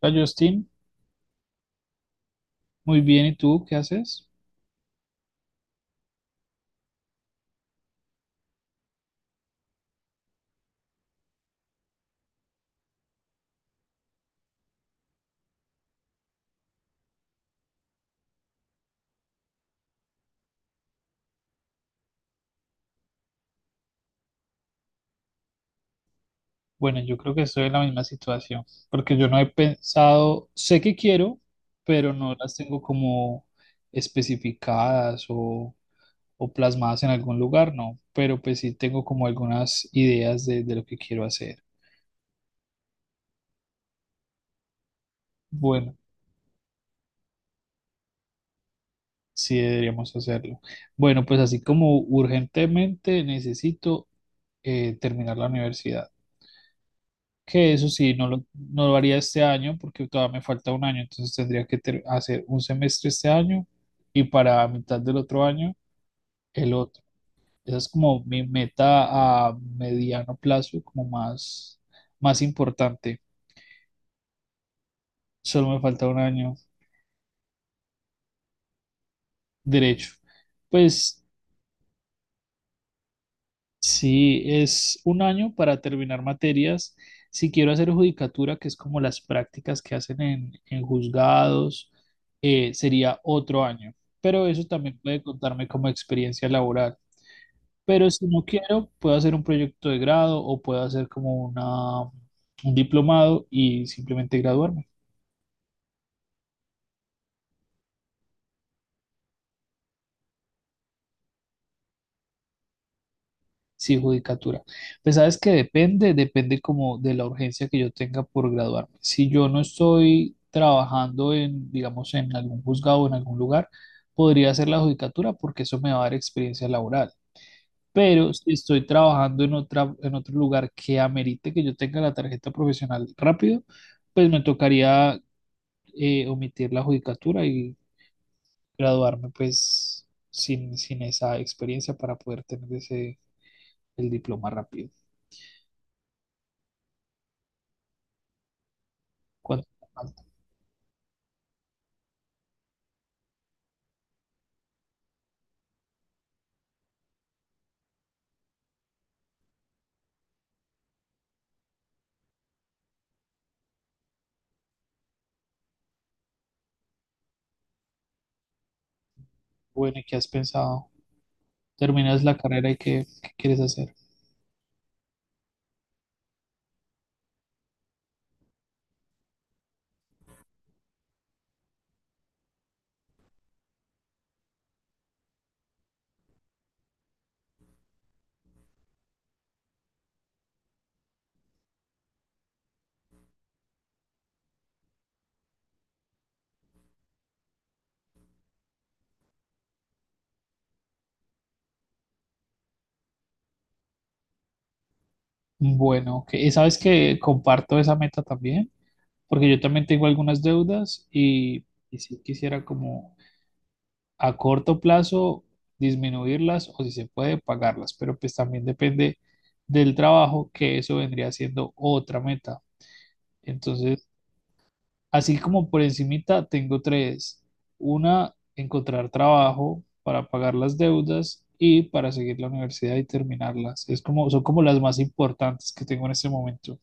Hola Justin, muy bien, ¿y tú qué haces? Bueno, yo creo que estoy en la misma situación, porque yo no he pensado, sé que quiero, pero no las tengo como especificadas o plasmadas en algún lugar, no, pero pues sí tengo como algunas ideas de lo que quiero hacer. Bueno, sí deberíamos hacerlo. Bueno, pues así como urgentemente necesito terminar la universidad. Que eso sí, no lo haría este año porque todavía me falta un año, entonces tendría que hacer un semestre este año y para mitad del otro año el otro. Esa es como mi meta a mediano plazo, como más importante. Solo me falta un año derecho. Pues sí, es un año para terminar materias. Si quiero hacer judicatura, que es como las prácticas que hacen en juzgados, sería otro año. Pero eso también puede contarme como experiencia laboral. Pero si no quiero, puedo hacer un proyecto de grado o puedo hacer como un diplomado y simplemente graduarme. Sí, judicatura. Pues sabes que depende como de la urgencia que yo tenga por graduarme. Si yo no estoy trabajando en, digamos, en algún juzgado o en algún lugar, podría hacer la judicatura porque eso me va a dar experiencia laboral. Pero si estoy trabajando en otra, en otro lugar que amerite que yo tenga la tarjeta profesional rápido, pues me tocaría omitir la judicatura y graduarme pues sin esa experiencia para poder tener ese, el diploma rápido. ¿Cuánto? Bueno, ¿y qué has pensado? ¿Terminas la carrera y qué quieres hacer? Bueno, ok. Y sabes que comparto esa meta también, porque yo también tengo algunas deudas y si quisiera como a corto plazo disminuirlas o si se puede pagarlas, pero pues también depende del trabajo, que eso vendría siendo otra meta. Entonces, así como por encimita tengo tres. Una, encontrar trabajo para pagar las deudas y para seguir la universidad y terminarlas. Es como, son como las más importantes que tengo en este momento.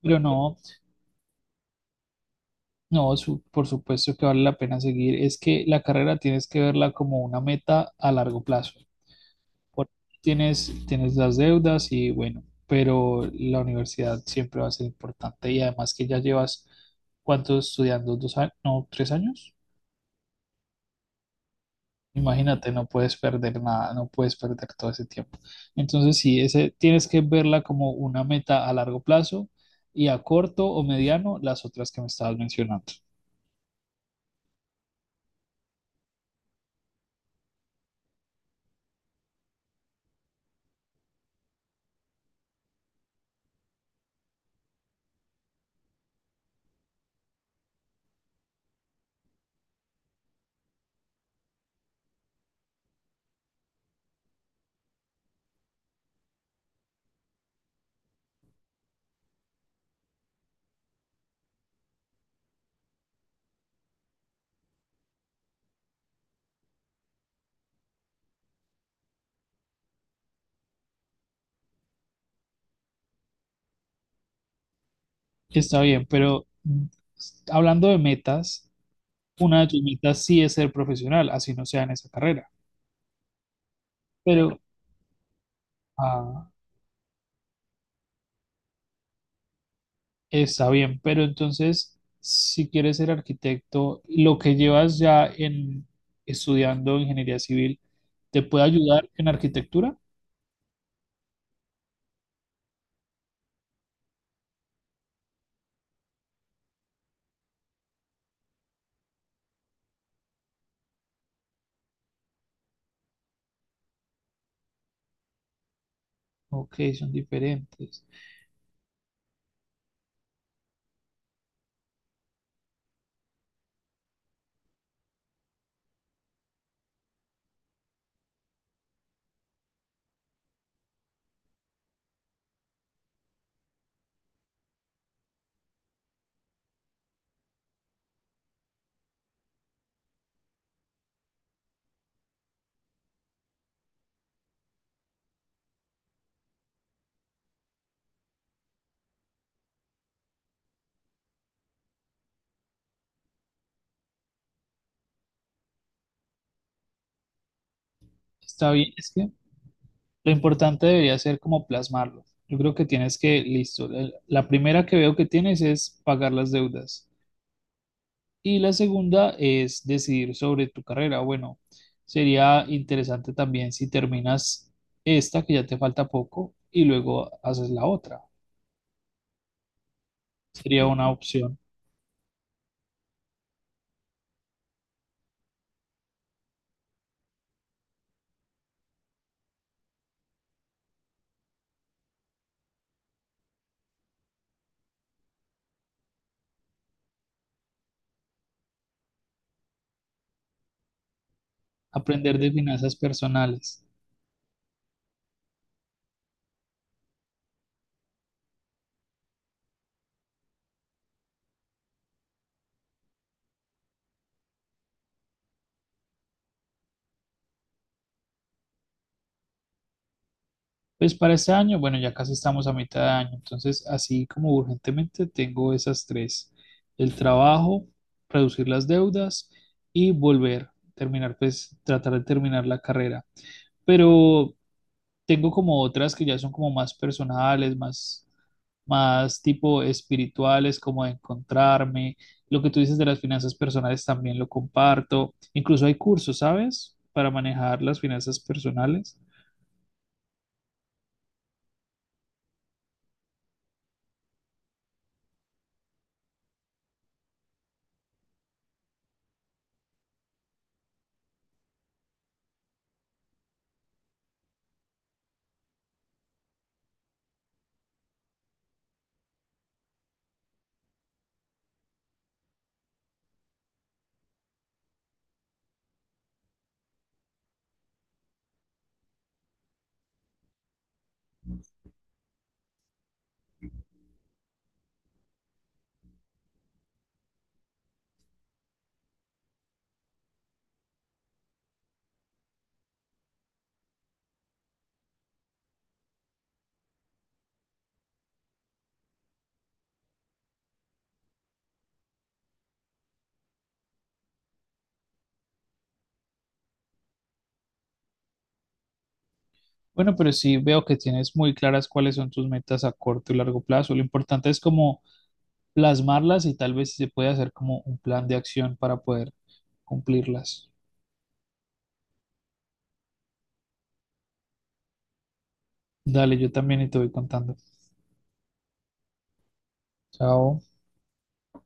Pero no, por supuesto que vale la pena seguir. Es que la carrera tienes que verla como una meta a largo plazo. Por- tienes las deudas y bueno, pero la universidad siempre va a ser importante y además que ya llevas, ¿cuánto estudiando? ¿Dos años? No, tres años. Imagínate, no puedes perder nada, no puedes perder todo ese tiempo. Entonces, sí, ese, tienes que verla como una meta a largo plazo y a corto o mediano las otras que me estabas mencionando. Está bien, pero hablando de metas, una de tus metas sí es ser profesional, así no sea en esa carrera. Pero, ah, Está bien, pero entonces, si quieres ser arquitecto, lo que llevas ya en estudiando ingeniería civil, ¿te puede ayudar en arquitectura? Ok, son diferentes. Está bien, es que lo importante debería ser como plasmarlo. Yo creo que tienes que, listo, la primera que veo que tienes es pagar las deudas. Y la segunda es decidir sobre tu carrera. Bueno, sería interesante también si terminas esta, que ya te falta poco, y luego haces la otra. Sería una opción. Aprender de finanzas personales. Pues para este año, bueno, ya casi estamos a mitad de año, entonces así como urgentemente tengo esas tres. El trabajo, reducir las deudas y volver, terminar, pues tratar de terminar la carrera. Pero tengo como otras que ya son como más personales, más tipo espirituales, como de encontrarme. Lo que tú dices de las finanzas personales también lo comparto. Incluso hay cursos, ¿sabes? Para manejar las finanzas personales. Bueno, pero sí veo que tienes muy claras cuáles son tus metas a corto y largo plazo. Lo importante es como plasmarlas y tal vez si se puede hacer como un plan de acción para poder cumplirlas. Dale, yo también y te voy contando. Chao.